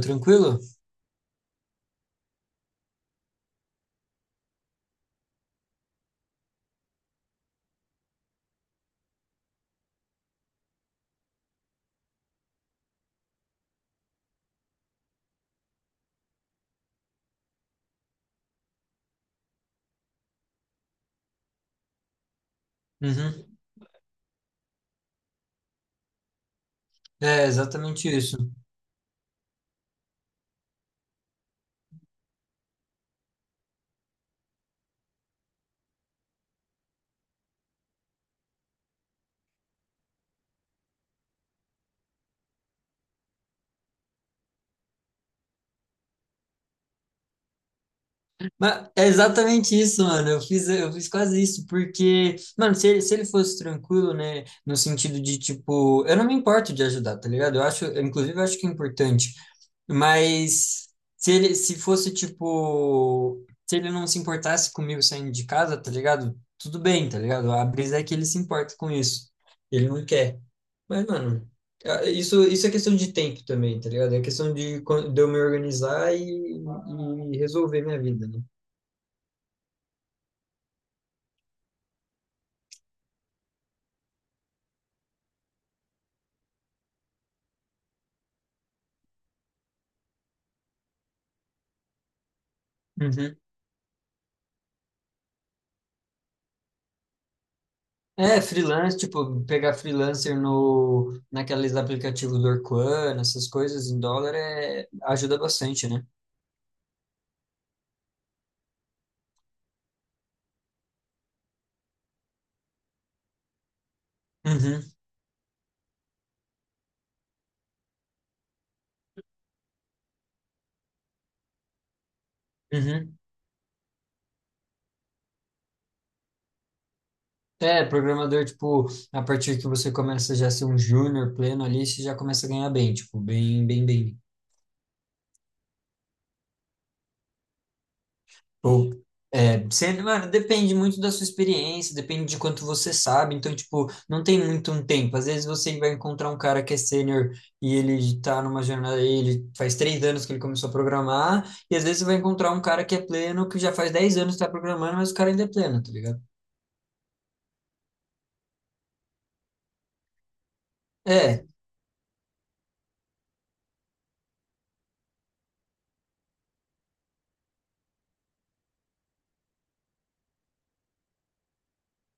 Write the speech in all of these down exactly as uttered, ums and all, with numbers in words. Tranquilo? Uhum. É exatamente isso. Mas é exatamente isso, mano. Eu fiz, eu fiz quase isso, porque, mano, se ele, se ele fosse tranquilo, né, no sentido de, tipo, eu não me importo de ajudar, tá ligado? Eu acho, eu, inclusive, eu acho que é importante. Mas se ele, se fosse, tipo, se ele não se importasse comigo saindo de casa, tá ligado? Tudo bem, tá ligado? A brisa é que ele se importa com isso. Ele não quer. Mas, mano, ah, Isso, isso é questão de tempo também, tá ligado? É questão de, quan- de eu me organizar e, e resolver minha vida, né? Uhum. É, freelance, tipo, pegar freelancer no, naqueles aplicativos do Orkun, essas coisas em dólar é, ajuda bastante, né? Uhum, uhum. É, programador, tipo, a partir que você começa já a ser um júnior pleno ali, você já começa a ganhar bem, tipo, bem, bem, bem. Ou, é, você, mano, depende muito da sua experiência, depende de quanto você sabe. Então, tipo, não tem muito um tempo. Às vezes você vai encontrar um cara que é sênior e ele tá numa jornada, ele faz três anos que ele começou a programar, e às vezes você vai encontrar um cara que é pleno, que já faz dez anos que tá programando, mas o cara ainda é pleno, tá ligado? É,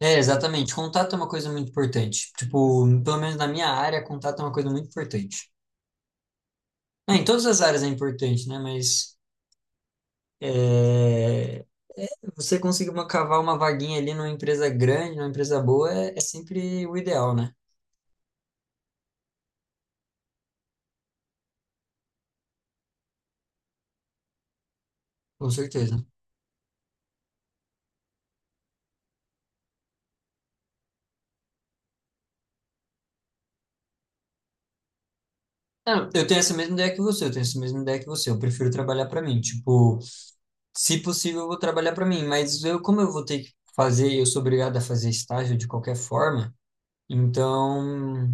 é, exatamente. Contato é uma coisa muito importante. Tipo, pelo menos na minha área, contato é uma coisa muito importante. É, em todas as áreas é importante, né? Mas. É, você conseguir uma- cavar uma vaguinha ali numa empresa grande, numa empresa boa, é, é sempre o ideal, né? Com certeza. Ah, eu tenho essa mesma ideia que você, eu tenho essa mesma ideia que você. Eu prefiro trabalhar para mim. Tipo, se possível, eu vou trabalhar para mim, mas eu, como eu vou ter que fazer, eu sou obrigado a fazer estágio de qualquer forma, então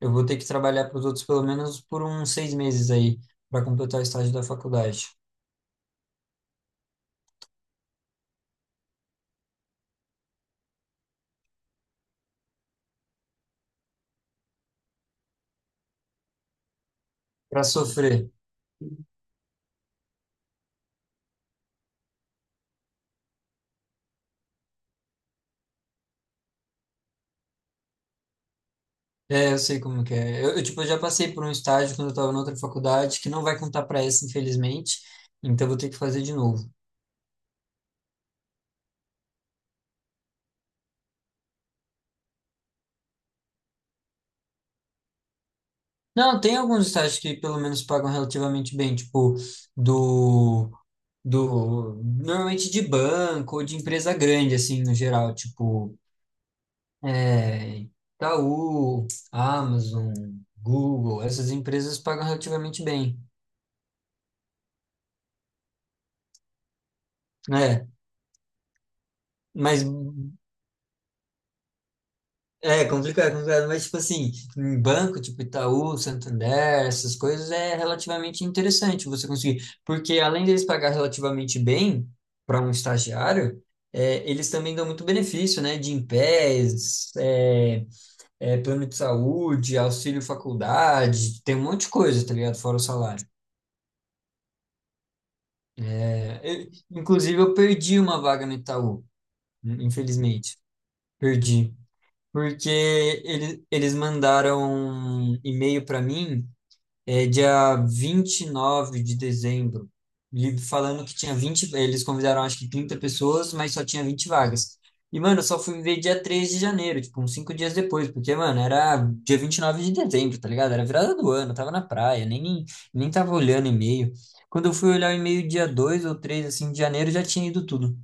eu vou ter que trabalhar para os outros pelo menos por uns seis meses aí, para completar o estágio da faculdade, para sofrer. É, eu sei como que é. Eu, eu, tipo, eu já passei por um estágio quando eu estava na outra faculdade que não vai contar para essa, infelizmente. Então eu vou ter que fazer de novo. Não, tem alguns estágios que pelo menos pagam relativamente bem, tipo do do normalmente de banco ou de empresa grande assim no geral, tipo é, Itaú, Amazon, Google, essas empresas pagam relativamente bem. É, mas é complicado, é complicado, mas tipo assim, em banco, tipo Itaú, Santander, essas coisas é relativamente interessante você conseguir, porque além deles pagar relativamente bem para um estagiário, é, eles também dão muito benefício, né? De Gympass, é, é, plano de saúde, auxílio faculdade, tem um monte de coisa, tá ligado? Fora o salário. É, eu- inclusive, eu perdi uma vaga no Itaú, infelizmente, perdi. Porque eles, eles mandaram um e-mail para mim. É dia vinte e nove de dezembro. Li- Falando que tinha vinte, eles convidaram acho que trinta pessoas, mas só tinha vinte vagas. E, mano, eu só fui ver dia três de janeiro, tipo, uns cinco dias depois, porque, mano, era dia vinte e nove de dezembro, tá ligado? Era virada do ano, eu tava na praia, nem, nem tava olhando e-mail. Quando eu fui olhar o e-mail dia dois ou três assim, de janeiro, já tinha ido tudo.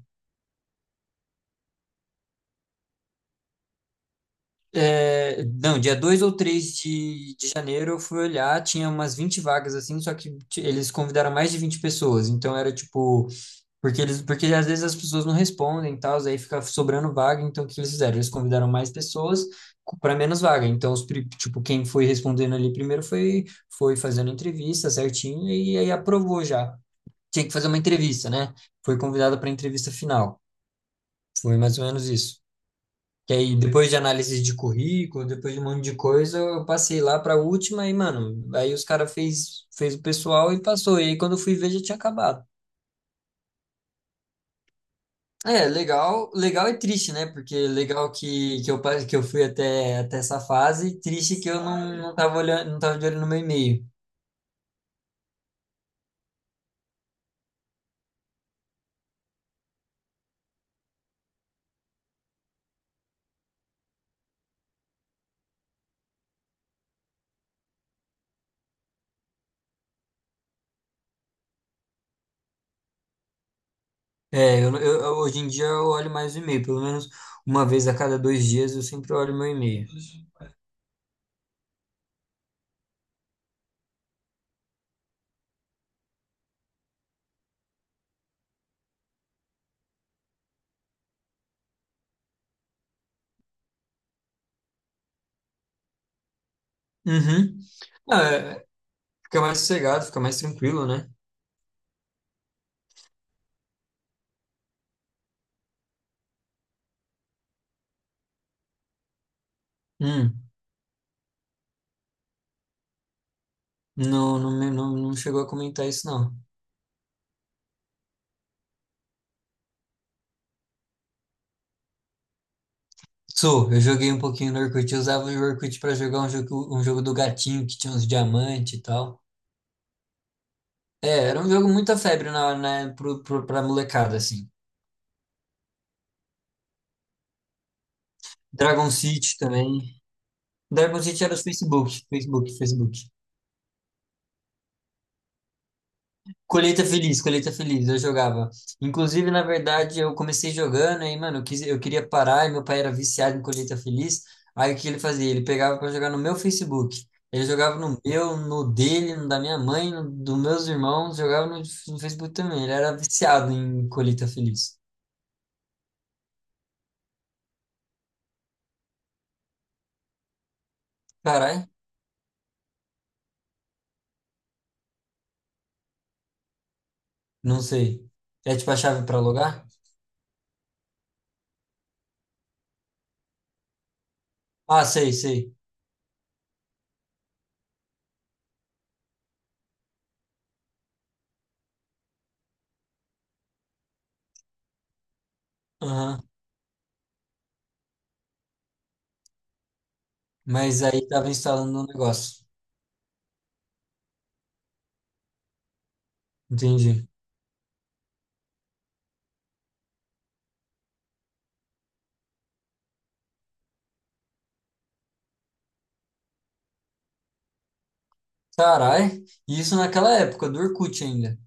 É, não, dia dois ou três de, de janeiro eu fui olhar, tinha umas vinte vagas assim, só que t- eles convidaram mais de vinte pessoas, então era tipo. Porque eles, porque às vezes as pessoas não respondem e tal, aí fica sobrando vaga, então o que eles fizeram? Eles convidaram mais pessoas para menos vaga. Então, os, pri- tipo, quem foi respondendo ali primeiro foi foi fazendo entrevista certinho e aí aprovou já. Tinha que fazer uma entrevista, né? Foi convidada para a entrevista final. Foi mais ou menos isso. Que aí, depois de análise de currículo, depois de um monte de coisa, eu passei lá para a última e, mano, aí os caras fez, fez o pessoal e passou. E aí, quando eu fui ver, já tinha acabado. É, legal, legal e triste, né? Porque legal que, que eu pa- que eu fui até, até essa fase, triste que eu não, não tava olhando, não tava de olho no meu e-mail. É, eu, eu- eu- hoje em dia eu olho mais o e-mail, pelo menos uma vez a cada dois dias eu sempre olho meu e-mail. Uhum. Ah, é, fica mais sossegado, fica mais tranquilo, né? Hum, não, não, me- não, não chegou a comentar isso, não. Sou, eu joguei um pouquinho no Orkut, eu usava o Orkut pra jogar um jogo, um jogo do gatinho que tinha uns diamantes e tal. É, era um jogo muita febre na, na, pro, pro, pra molecada, assim. Dragon City também. Dragon City era os Facebook, Facebook, Facebook. Colheita Feliz, Colheita Feliz, eu jogava. Inclusive, na verdade, eu comecei jogando, aí, mano, eu, quis, eu queria parar, e meu pai era viciado em Colheita Feliz. Aí o que ele fazia? Ele pegava pra jogar no meu Facebook. Ele jogava no meu, no dele, no da minha mãe, no dos meus irmãos, jogava no, no Facebook também. Ele era viciado em Colheita Feliz. Caralho, não sei. É tipo a chave pra logar? Ah, sei, sei. Aham. Mas aí tava instalando um negócio. Entendi. Carai, isso naquela época do Orkut ainda.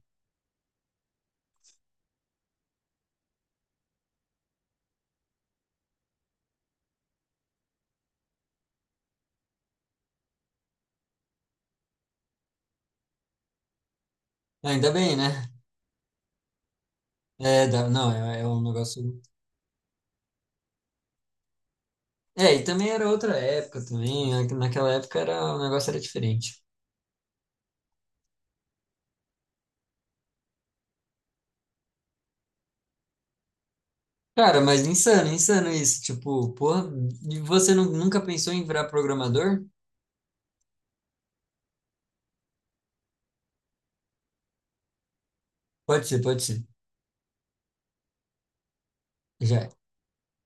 Ainda bem, né? É, dá- não, é, é um negócio. É, e também era outra época também. na- Naquela época era, o negócio era diferente. Cara, mas insano, insano isso. Tipo, porra, e você nu- nunca pensou em virar programador? Pode ser, pode ser. Já